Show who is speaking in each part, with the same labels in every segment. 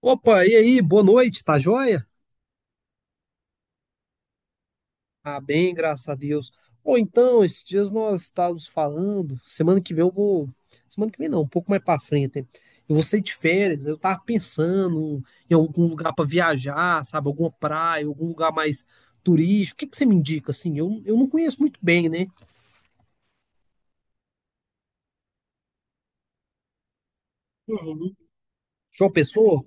Speaker 1: Opa, e aí, boa noite, tá joia? Ah, bem, graças a Deus. Ou então, esses dias nós estávamos falando, semana que vem semana que vem não, um pouco mais pra frente, né? Eu vou sair de férias, eu tava pensando em algum lugar pra viajar, sabe, alguma praia, algum lugar mais turístico. O que que você me indica, assim? Eu não conheço muito bem, né? Uhum, João Pessoa?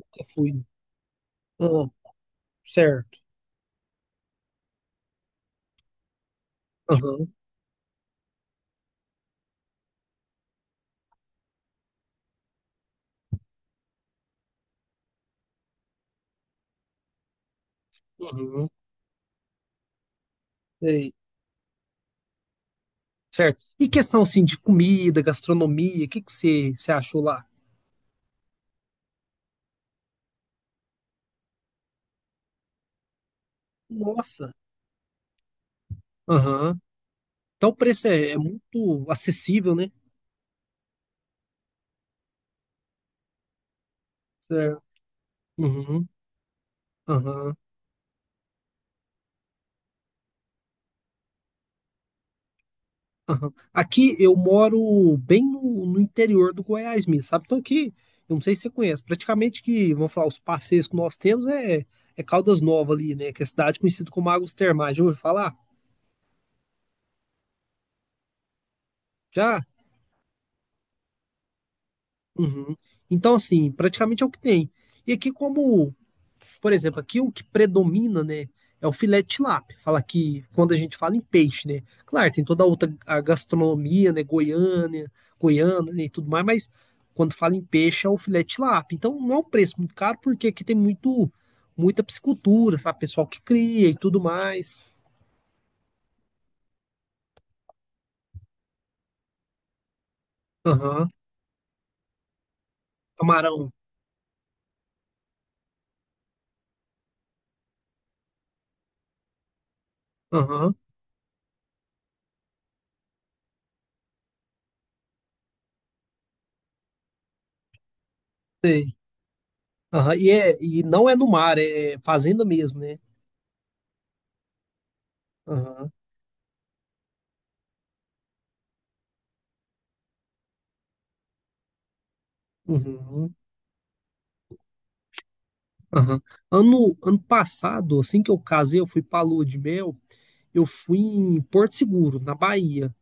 Speaker 1: Nunca fui. Ah, certo. Aham, uhum, sei. Certo. E questão, assim, de comida, gastronomia, o que que você achou lá? Nossa. Aham. Então o preço é muito acessível, né? Certo. Uhum. Aham. Aham. Aqui eu moro bem no interior do Goiás mesmo, sabe? Então aqui, eu não sei se você conhece, praticamente que, vamos falar, os passeios que nós temos é Caldas Novas ali, né? Que é a cidade conhecida como Águas Termais. Já ouviu falar? Já? Uhum. Então, assim, praticamente é o que tem. E aqui, como por exemplo, aqui o que predomina, né, é o filé de tilápia. Fala que quando a gente fala em peixe, né, claro, tem toda a outra a gastronomia, né, Goiânia né, e tudo mais, mas quando fala em peixe é o filé de tilápia. Então não é um preço muito caro porque aqui tem muito muita piscicultura, sabe, pessoal que cria e tudo mais. Aham. Camarão. Aham. Sei. Aham. E não é no mar, é fazenda mesmo, né? Aham. Uhum. Aham. Ano passado, assim que eu casei, eu fui pra Lua de Mel, eu fui em Porto Seguro, na Bahia.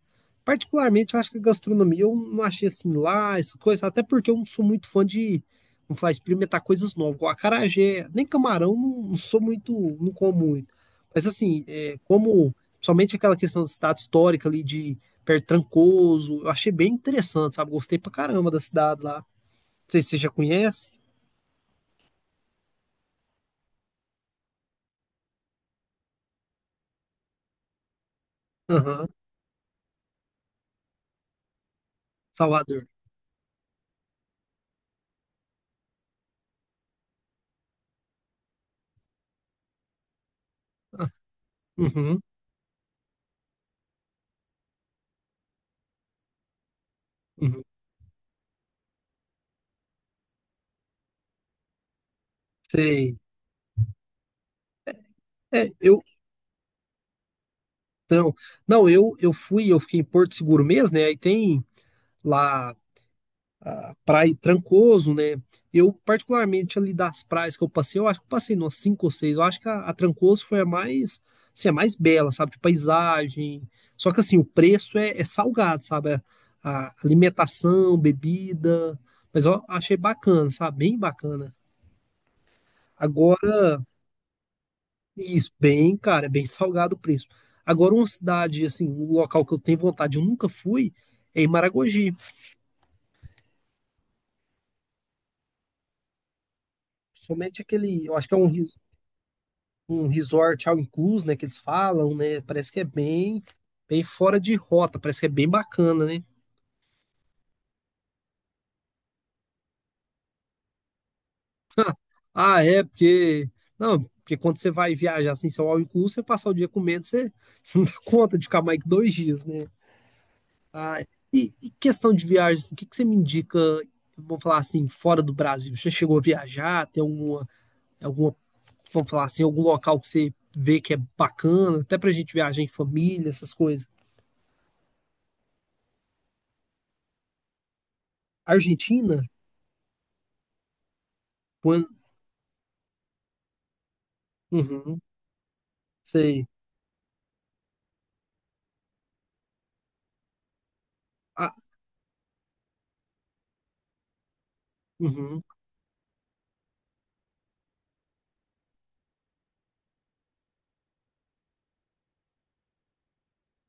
Speaker 1: Particularmente, eu acho que a gastronomia eu não achei assim lá, essas coisas, até porque eu não sou muito fã de, vamos falar, experimentar coisas novas, igual acarajé, nem camarão, não sou muito, não como muito. Mas assim, é, como, somente aquela questão da cidade histórica ali de perto de Trancoso, eu achei bem interessante, sabe? Gostei pra caramba da cidade lá. Não sei se você já conhece. Aham, Salvador. Uhum, uhum, sei. É, eu, então, não, eu fui, eu fiquei em Porto Seguro mesmo, né? Aí tem lá a Praia Trancoso, né? Eu, particularmente, ali das praias que eu passei, eu acho que eu passei umas cinco ou seis. Eu acho que a Trancoso foi a mais, assim, a mais bela, sabe? De paisagem. Só que, assim, o preço é salgado, sabe? A alimentação, bebida. Mas eu achei bacana, sabe? Bem bacana. Isso, bem, cara, é bem salgado o preço. Agora, uma cidade, assim, um local que eu tenho vontade, eu nunca fui, é em Maragogi. Somente aquele, eu acho que é um resort all inclusive, né, que eles falam, né? Parece que é bem, bem fora de rota, parece que é bem bacana, né? Ah, é, porque. Não, porque quando você vai viajar assim, seu all inclusive, você passar o dia comendo, você, você não dá conta de ficar mais que dois dias, né? Ah, e questão de viagem, assim, o que que você me indica, vamos falar assim, fora do Brasil? Você chegou a viajar, tem alguma, vamos falar assim, algum local que você vê que é bacana, até pra gente viajar em família, essas coisas. Argentina, quando, uhum, sei, ah, uhum,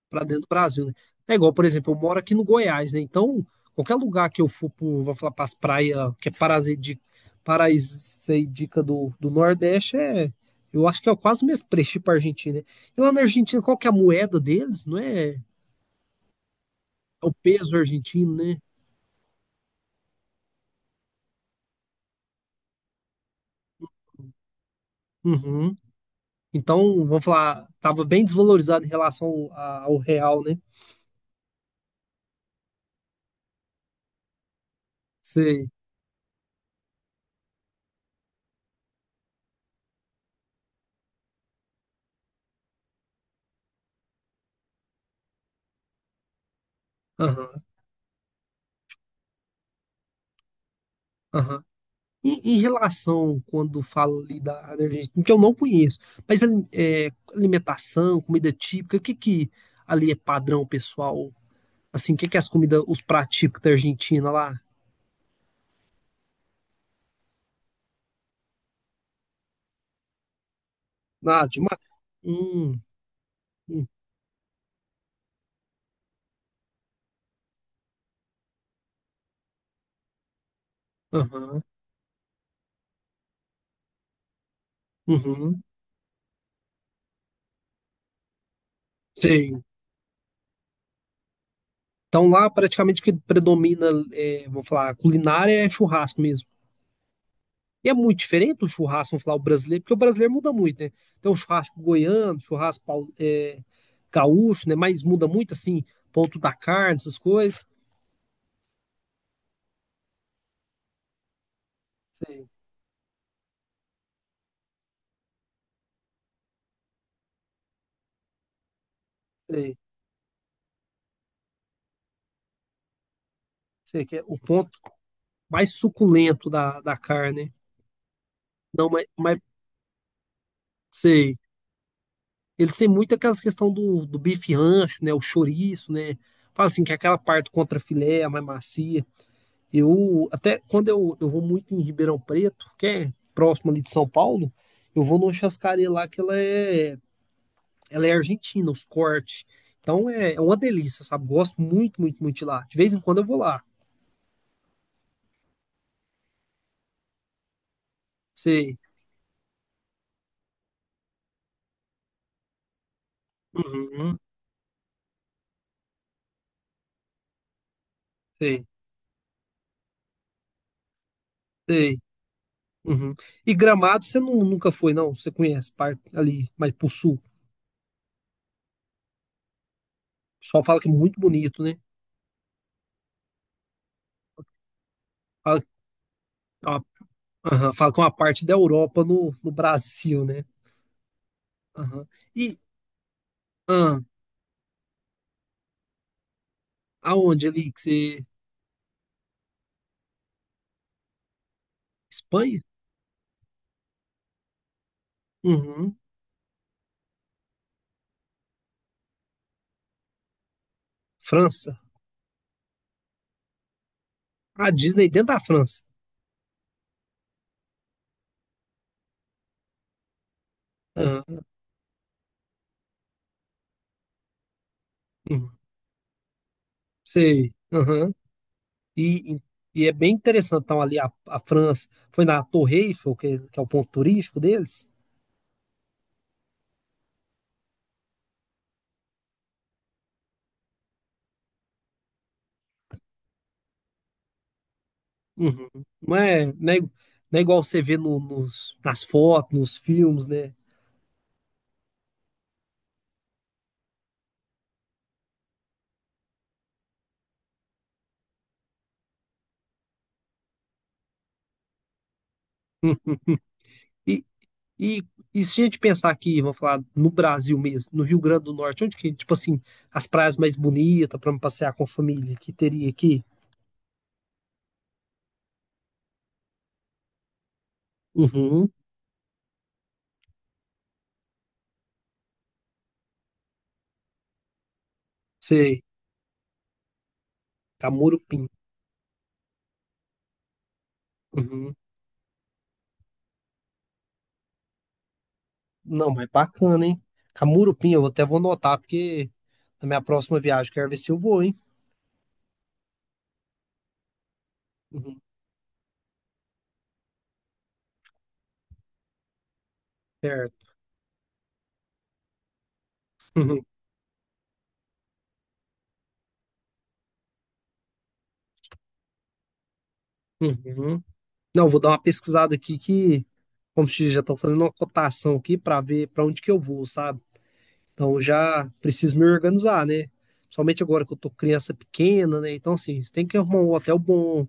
Speaker 1: pra dentro do Brasil, né? É igual, por exemplo, eu moro aqui no Goiás, né? Então, qualquer lugar que eu for pro, vou falar pras praias, que é paradisíaca, paradisíaca do Nordeste, é, eu acho que é quase o mesmo preço pra Argentina, né? E lá na Argentina, qual que é a moeda deles, não é? É o peso argentino, né? Uhum. Então, vamos falar, estava bem desvalorizado em relação ao real, né? Sei. Aham, aham. E em relação, quando fala ali da Argentina, que eu não conheço, mas é, alimentação, comida típica, o que que ali é padrão, pessoal? Assim, o que que é as comidas, os pratos típicos da Argentina lá? Ah, de ma... Hum, hum, aham, uhum, sei. Então lá praticamente o que predomina, é, vamos falar, culinária é churrasco mesmo. E é muito diferente o churrasco, vamos falar, o brasileiro, porque o brasileiro muda muito, né? Tem o churrasco goiano, gaúcho, né? Mas muda muito, assim, ponto da carne, essas coisas. Sei, sei, sei que é o ponto mais suculento da carne, né? Não, mas sei. Eles têm muito aquelas questão do bife rancho, né? O chouriço, né? Fala assim, que é aquela parte contra filé, a mais macia. Eu até eu vou muito em Ribeirão Preto, que é próximo ali de São Paulo, eu vou numa chascaria lá que ela é argentina, os cortes. Então é uma delícia, sabe? Gosto muito, muito, muito de lá. De vez em quando eu vou lá. Sei. Uhum, sei, sei. Uhum. E Gramado você nunca foi, não? Você conhece, parte ali, mas pro sul. O pessoal fala que é muito bonito, né? Fala, que é uma- aham, fala que é uma parte da Europa no Brasil, né? Aham. E ah, aonde ali que você, Espanha? Uhum. França. A Disney dentro da França. Aham. Uhum. Sei. Aham. E, e, e é bem interessante. Então, ali a França foi na Torre Eiffel, que é o ponto turístico deles. Uhum. Não é igual você vê nos, nas fotos, nos filmes, né? E, e, e se a gente pensar aqui, vamos falar no Brasil mesmo, no Rio Grande do Norte, onde que, tipo assim, as praias mais bonitas para passear com a família que teria aqui? Uhum, sei, Camorupim. Uhum. Não, mas bacana, hein? Camurupim, eu até vou anotar, porque na minha próxima viagem eu quero ver se eu vou, hein? Uhum, certo. Uhum, uhum. Não, vou dar uma pesquisada aqui que, como se diz, já estou fazendo uma cotação aqui para ver para onde que eu vou, sabe? Então eu já preciso me organizar, né? Principalmente agora que eu tô criança pequena, né? Então, assim, você tem que arrumar um hotel bom,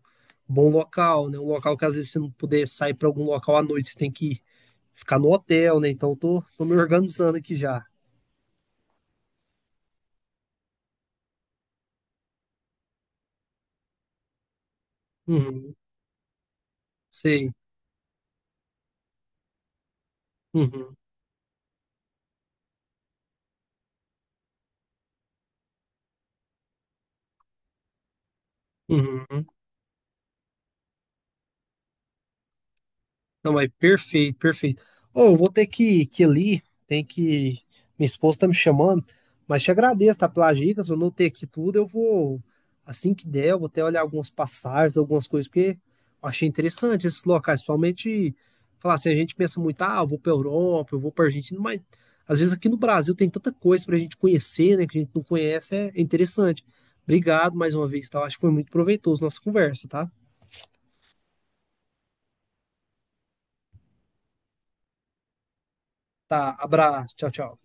Speaker 1: bom local, né? Um local que às vezes você não puder sair para algum local à noite, você tem que ficar no hotel, né? Então tô me organizando aqui já. Uhum. Sei. Uhum, uhum. Não, mas perfeito, perfeito. Ô, eu vou ter que ir ali, tem que. Minha esposa tá me chamando, mas te agradeço, tá, pelas dicas, eu anotei aqui tudo, eu vou, assim que der, eu vou até olhar alguns passagens, algumas coisas, porque eu achei interessante esses locais, principalmente, falar assim, a gente pensa muito, ah, eu vou pra Europa, eu vou pra Argentina, mas às vezes aqui no Brasil tem tanta coisa pra gente conhecer, né, que a gente não conhece, é interessante. Obrigado mais uma vez, tá? Eu acho que foi muito proveitoso nossa conversa, tá? Tá, abraço. Tchau, tchau.